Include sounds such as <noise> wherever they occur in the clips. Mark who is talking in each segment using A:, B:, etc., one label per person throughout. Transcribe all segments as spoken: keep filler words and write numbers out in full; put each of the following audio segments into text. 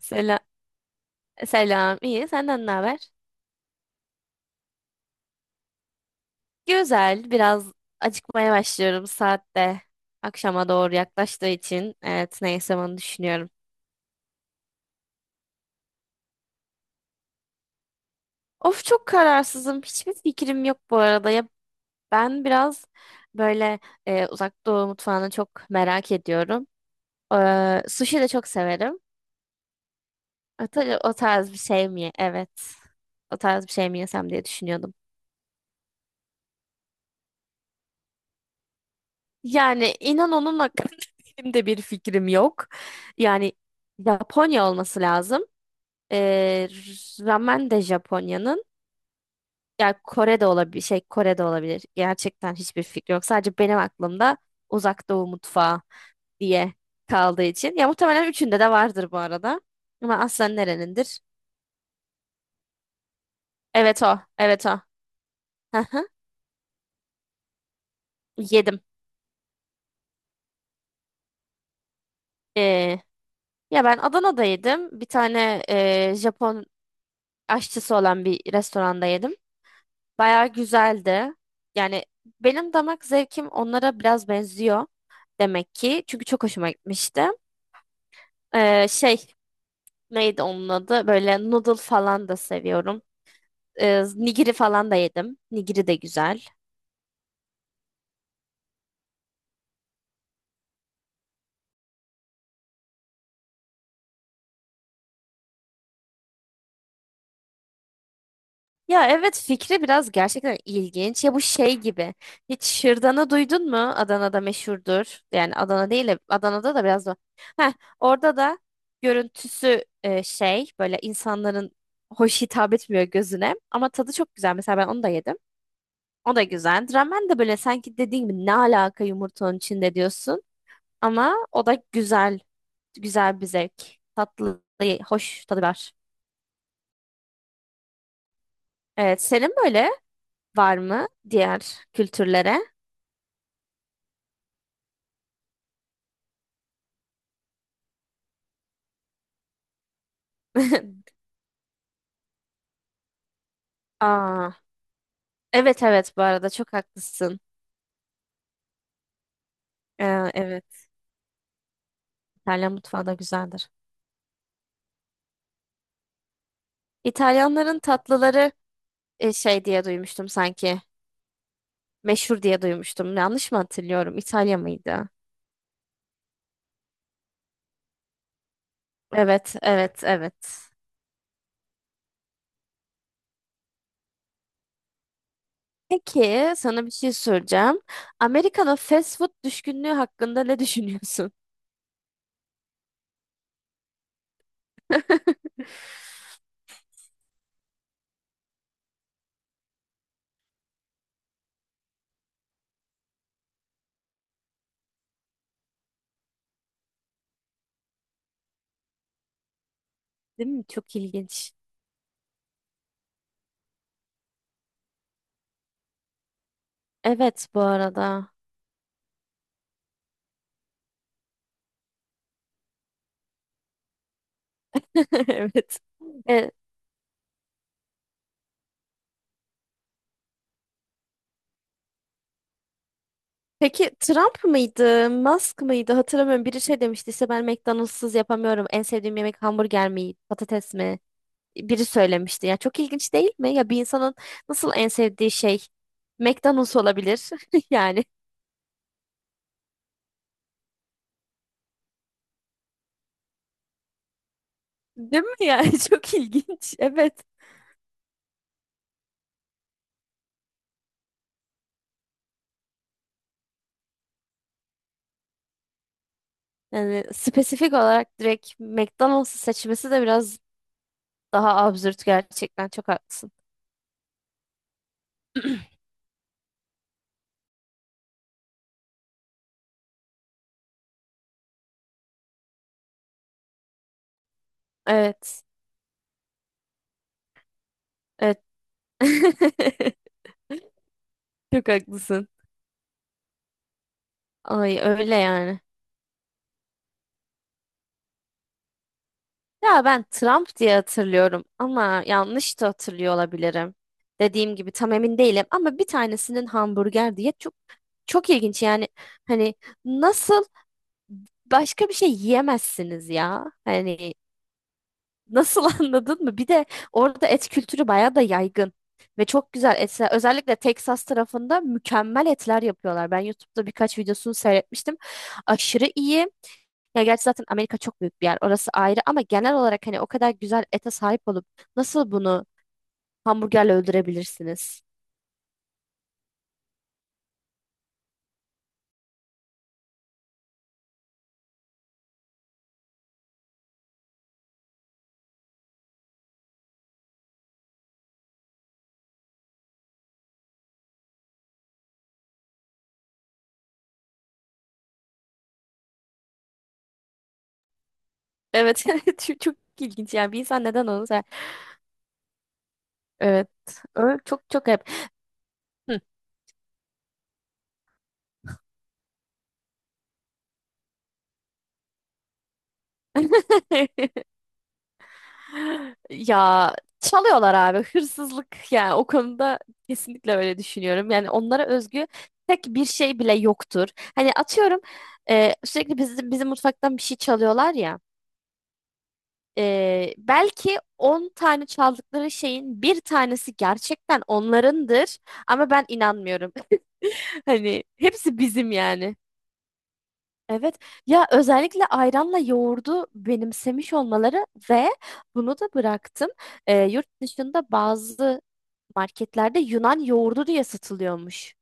A: Selam, selam. İyi. Senden ne haber? Güzel. Biraz acıkmaya başlıyorum saatte. Akşama doğru yaklaştığı için. Evet, ne yesem onu düşünüyorum. Of çok kararsızım. Hiçbir fikrim yok bu arada. Ya ben biraz böyle e, Uzak Doğu mutfağını çok merak ediyorum. Ee, sushi de çok severim. O, tar- o tarz bir şey mi? ye- Evet. O tarz bir şey mi yesem diye düşünüyordum. Yani inan onun hakkında <laughs> benim de bir fikrim yok. Yani Japonya olması lazım. Ee, Ramen de Japonya'nın. Yani Kore'de olabilir. Şey Kore'de olabilir. Gerçekten hiçbir fikrim yok. Sadece benim aklımda Uzak Doğu mutfağı diye kaldığı için. Ya muhtemelen üçünde de vardır bu arada. Ama aslen nerenindir? Evet o. Evet o. Hı hı. Yedim. Ee, Ya ben Adana'da yedim. Bir tane e, Japon aşçısı olan bir restoranda yedim. Bayağı güzeldi. Yani benim damak zevkim onlara biraz benziyor demek ki. Çünkü çok hoşuma gitmişti. Ee, şey neydi onun adı? Böyle noodle falan da seviyorum. Ee, nigiri falan da yedim. Nigiri de güzel. Ya evet fikri biraz gerçekten ilginç. Ya bu şey gibi. Hiç şırdanı duydun mu? Adana'da meşhurdur. Yani Adana değil de Adana'da da biraz da. Heh, orada da görüntüsü e, şey böyle insanların hoş hitap etmiyor gözüne. Ama tadı çok güzel. Mesela ben onu da yedim. O da güzel. Ramen de böyle sanki dediğim gibi ne alaka yumurtanın içinde diyorsun. Ama o da güzel. Güzel bir zevk. Tatlı, hoş tadı var. Evet, senin böyle var mı diğer kültürlere? <laughs> Aa, evet evet bu arada çok haklısın. Ee, evet, İtalyan mutfağı da güzeldir. İtalyanların tatlıları e, şey diye duymuştum sanki. Meşhur diye duymuştum. Yanlış mı hatırlıyorum? İtalya mıydı? Evet evet evet. Peki sana bir şey soracağım. Amerika'da fast food düşkünlüğü hakkında ne <laughs> düşünüyorsun? Değil mi? Çok ilginç. Evet bu arada. <laughs> Evet. E, Peki Trump mıydı, Musk mıydı hatırlamıyorum. Biri şey demişti işte ben McDonald's'sız yapamıyorum. En sevdiğim yemek hamburger mi, patates mi? Biri söylemişti. Ya çok ilginç değil mi? Ya bir insanın nasıl en sevdiği şey McDonald's olabilir <laughs> yani. Değil mi yani? <laughs> Çok ilginç. Evet. Yani spesifik olarak direkt McDonald's'ı seçmesi de biraz daha absürt gerçekten. Çok haklısın. <clears throat> Evet. Evet. <laughs> Çok haklısın. Ay öyle yani. Ya ben Trump diye hatırlıyorum ama yanlış da hatırlıyor olabilirim. Dediğim gibi tam emin değilim ama bir tanesinin hamburger diye çok çok ilginç yani hani nasıl başka bir şey yiyemezsiniz ya. Hani nasıl <laughs> anladın mı? Bir de orada et kültürü bayağı da yaygın. Ve çok güzel etler. Özellikle Texas tarafında mükemmel etler yapıyorlar. Ben YouTube'da birkaç videosunu seyretmiştim. Aşırı iyi. Ya gerçi zaten Amerika çok büyük bir yer. Orası ayrı ama genel olarak hani o kadar güzel ete sahip olup nasıl bunu hamburgerle öldürebilirsiniz? Evet. <laughs> Çok, çok ilginç yani. Bir insan neden onu sever? Evet. Öyle çok çok hep. Hı. <laughs> Ya çalıyorlar abi, hırsızlık yani o konuda kesinlikle öyle düşünüyorum. Yani onlara özgü tek bir şey bile yoktur. Hani atıyorum e, sürekli bizim, bizim mutfaktan bir şey çalıyorlar ya. E, belki on tane çaldıkları şeyin bir tanesi gerçekten onlarındır ama ben inanmıyorum. <laughs> Hani hepsi bizim yani. Evet, ya özellikle ayranla yoğurdu benimsemiş olmaları ve bunu da bıraktım. Ee, yurt dışında bazı marketlerde Yunan yoğurdu diye satılıyormuş.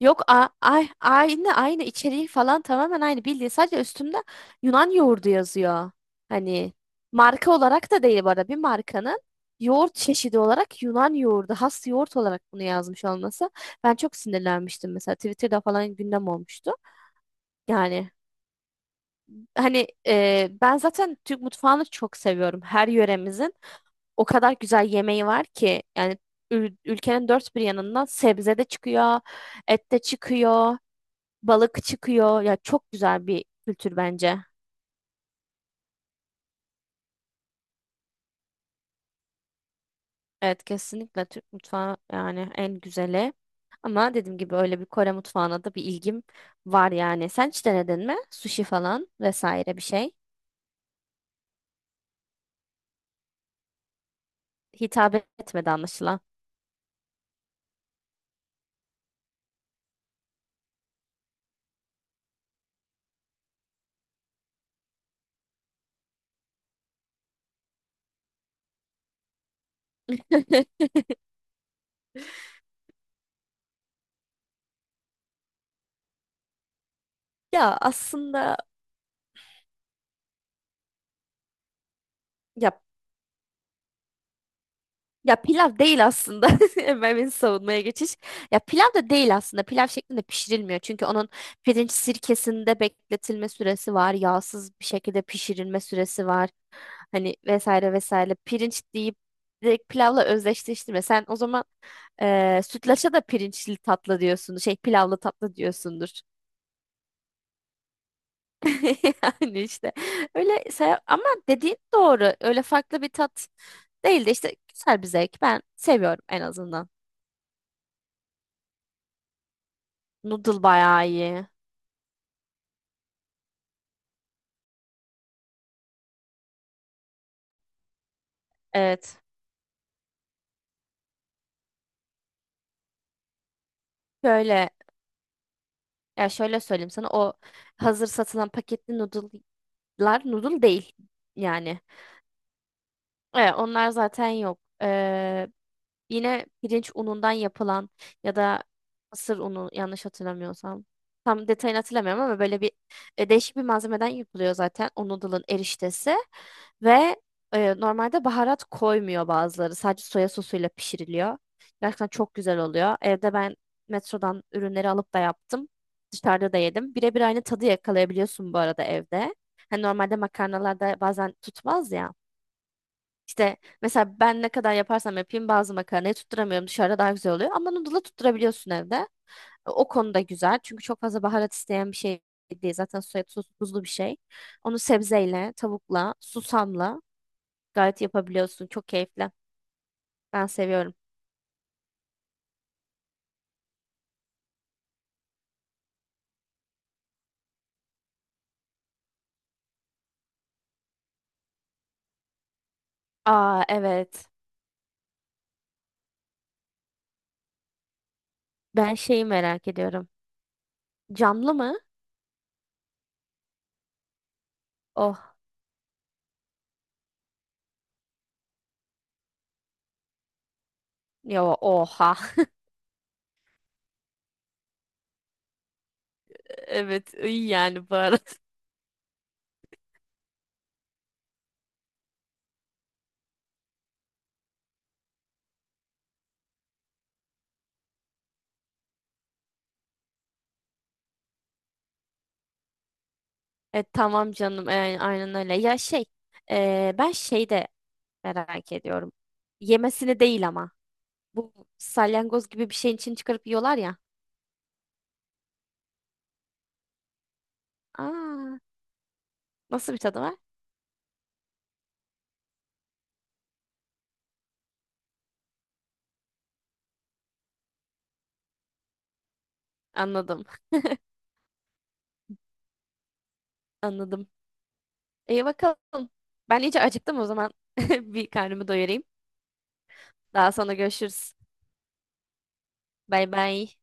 A: Yok a- ay, aynı aynı içeriği falan tamamen aynı bildiğin sadece üstünde Yunan yoğurdu yazıyor. Hani marka olarak da değil bu arada bir markanın yoğurt çeşidi olarak Yunan yoğurdu has yoğurt olarak bunu yazmış olması. Ben çok sinirlenmiştim mesela Twitter'da falan gündem olmuştu. Yani hani e, ben zaten Türk mutfağını çok seviyorum. Her yöremizin o kadar güzel yemeği var ki yani ül- ülkenin dört bir yanından sebze de çıkıyor, et de çıkıyor, balık çıkıyor. Ya çok güzel bir kültür bence. Evet, kesinlikle Türk mutfağı yani en güzeli. Ama dediğim gibi öyle bir Kore mutfağına da bir ilgim var yani. Sen hiç denedin mi? Sushi falan vesaire bir şey. Hitap etmedi anlaşılan. <laughs> Ya aslında ya Ya pilav değil aslında. <laughs> Hemen beni savunmaya geçiş. Ya pilav da değil aslında. Pilav şeklinde pişirilmiyor. Çünkü onun pirinç sirkesinde bekletilme süresi var. Yağsız bir şekilde pişirilme süresi var. Hani vesaire vesaire. Pirinç deyip direkt pilavla özdeşleştirme. Sen o zaman eee sütlaça da pirinçli tatlı diyorsun. Şey pilavlı tatlı diyorsundur. <laughs> Yani işte öyle say ama dediğin doğru. Öyle farklı bir tat değil de işte güzel bir zevk. Ben seviyorum en azından. Noodle bayağı iyi. Evet. Şöyle, ya şöyle söyleyeyim sana, o hazır satılan paketli noodle'lar noodle değil yani. Evet, onlar zaten yok. Yine pirinç unundan yapılan ya da mısır unu yanlış hatırlamıyorsam. Tam detayını hatırlamıyorum ama böyle bir e, değişik bir malzemeden yapılıyor zaten o noodle'ın eriştesi. Ve e, normalde baharat koymuyor bazıları. Sadece soya sosuyla pişiriliyor. Gerçekten çok güzel oluyor. Evde ben metrodan ürünleri alıp da yaptım. Dışarıda da yedim. Birebir aynı tadı yakalayabiliyorsun bu arada evde. Hani normalde makarnalarda bazen tutmaz ya. İşte mesela ben ne kadar yaparsam yapayım bazı makarnayı tutturamıyorum. Dışarıda daha güzel oluyor. Ama noodle'ı tutturabiliyorsun evde. O konuda güzel. Çünkü çok fazla baharat isteyen bir şey değil. Zaten soya sosu tuzlu bir şey. Onu sebzeyle, tavukla, susamla gayet yapabiliyorsun. Çok keyifli. Ben seviyorum. Aa evet. Ben şeyi merak ediyorum. Camlı mı? Oh. Ya oha. <laughs> Evet iyi yani baharat. E, tamam canım. E, aynen öyle. Ya şey, e, ben şeyde merak ediyorum. Yemesini değil ama. Bu salyangoz gibi bir şeyin için çıkarıp yiyorlar ya. Aa, nasıl bir tadı var? Anladım. <laughs> Anladım. İyi bakalım. Ben iyice acıktım o zaman. <laughs> Bir karnımı doyurayım. Daha sonra görüşürüz. Bay bay.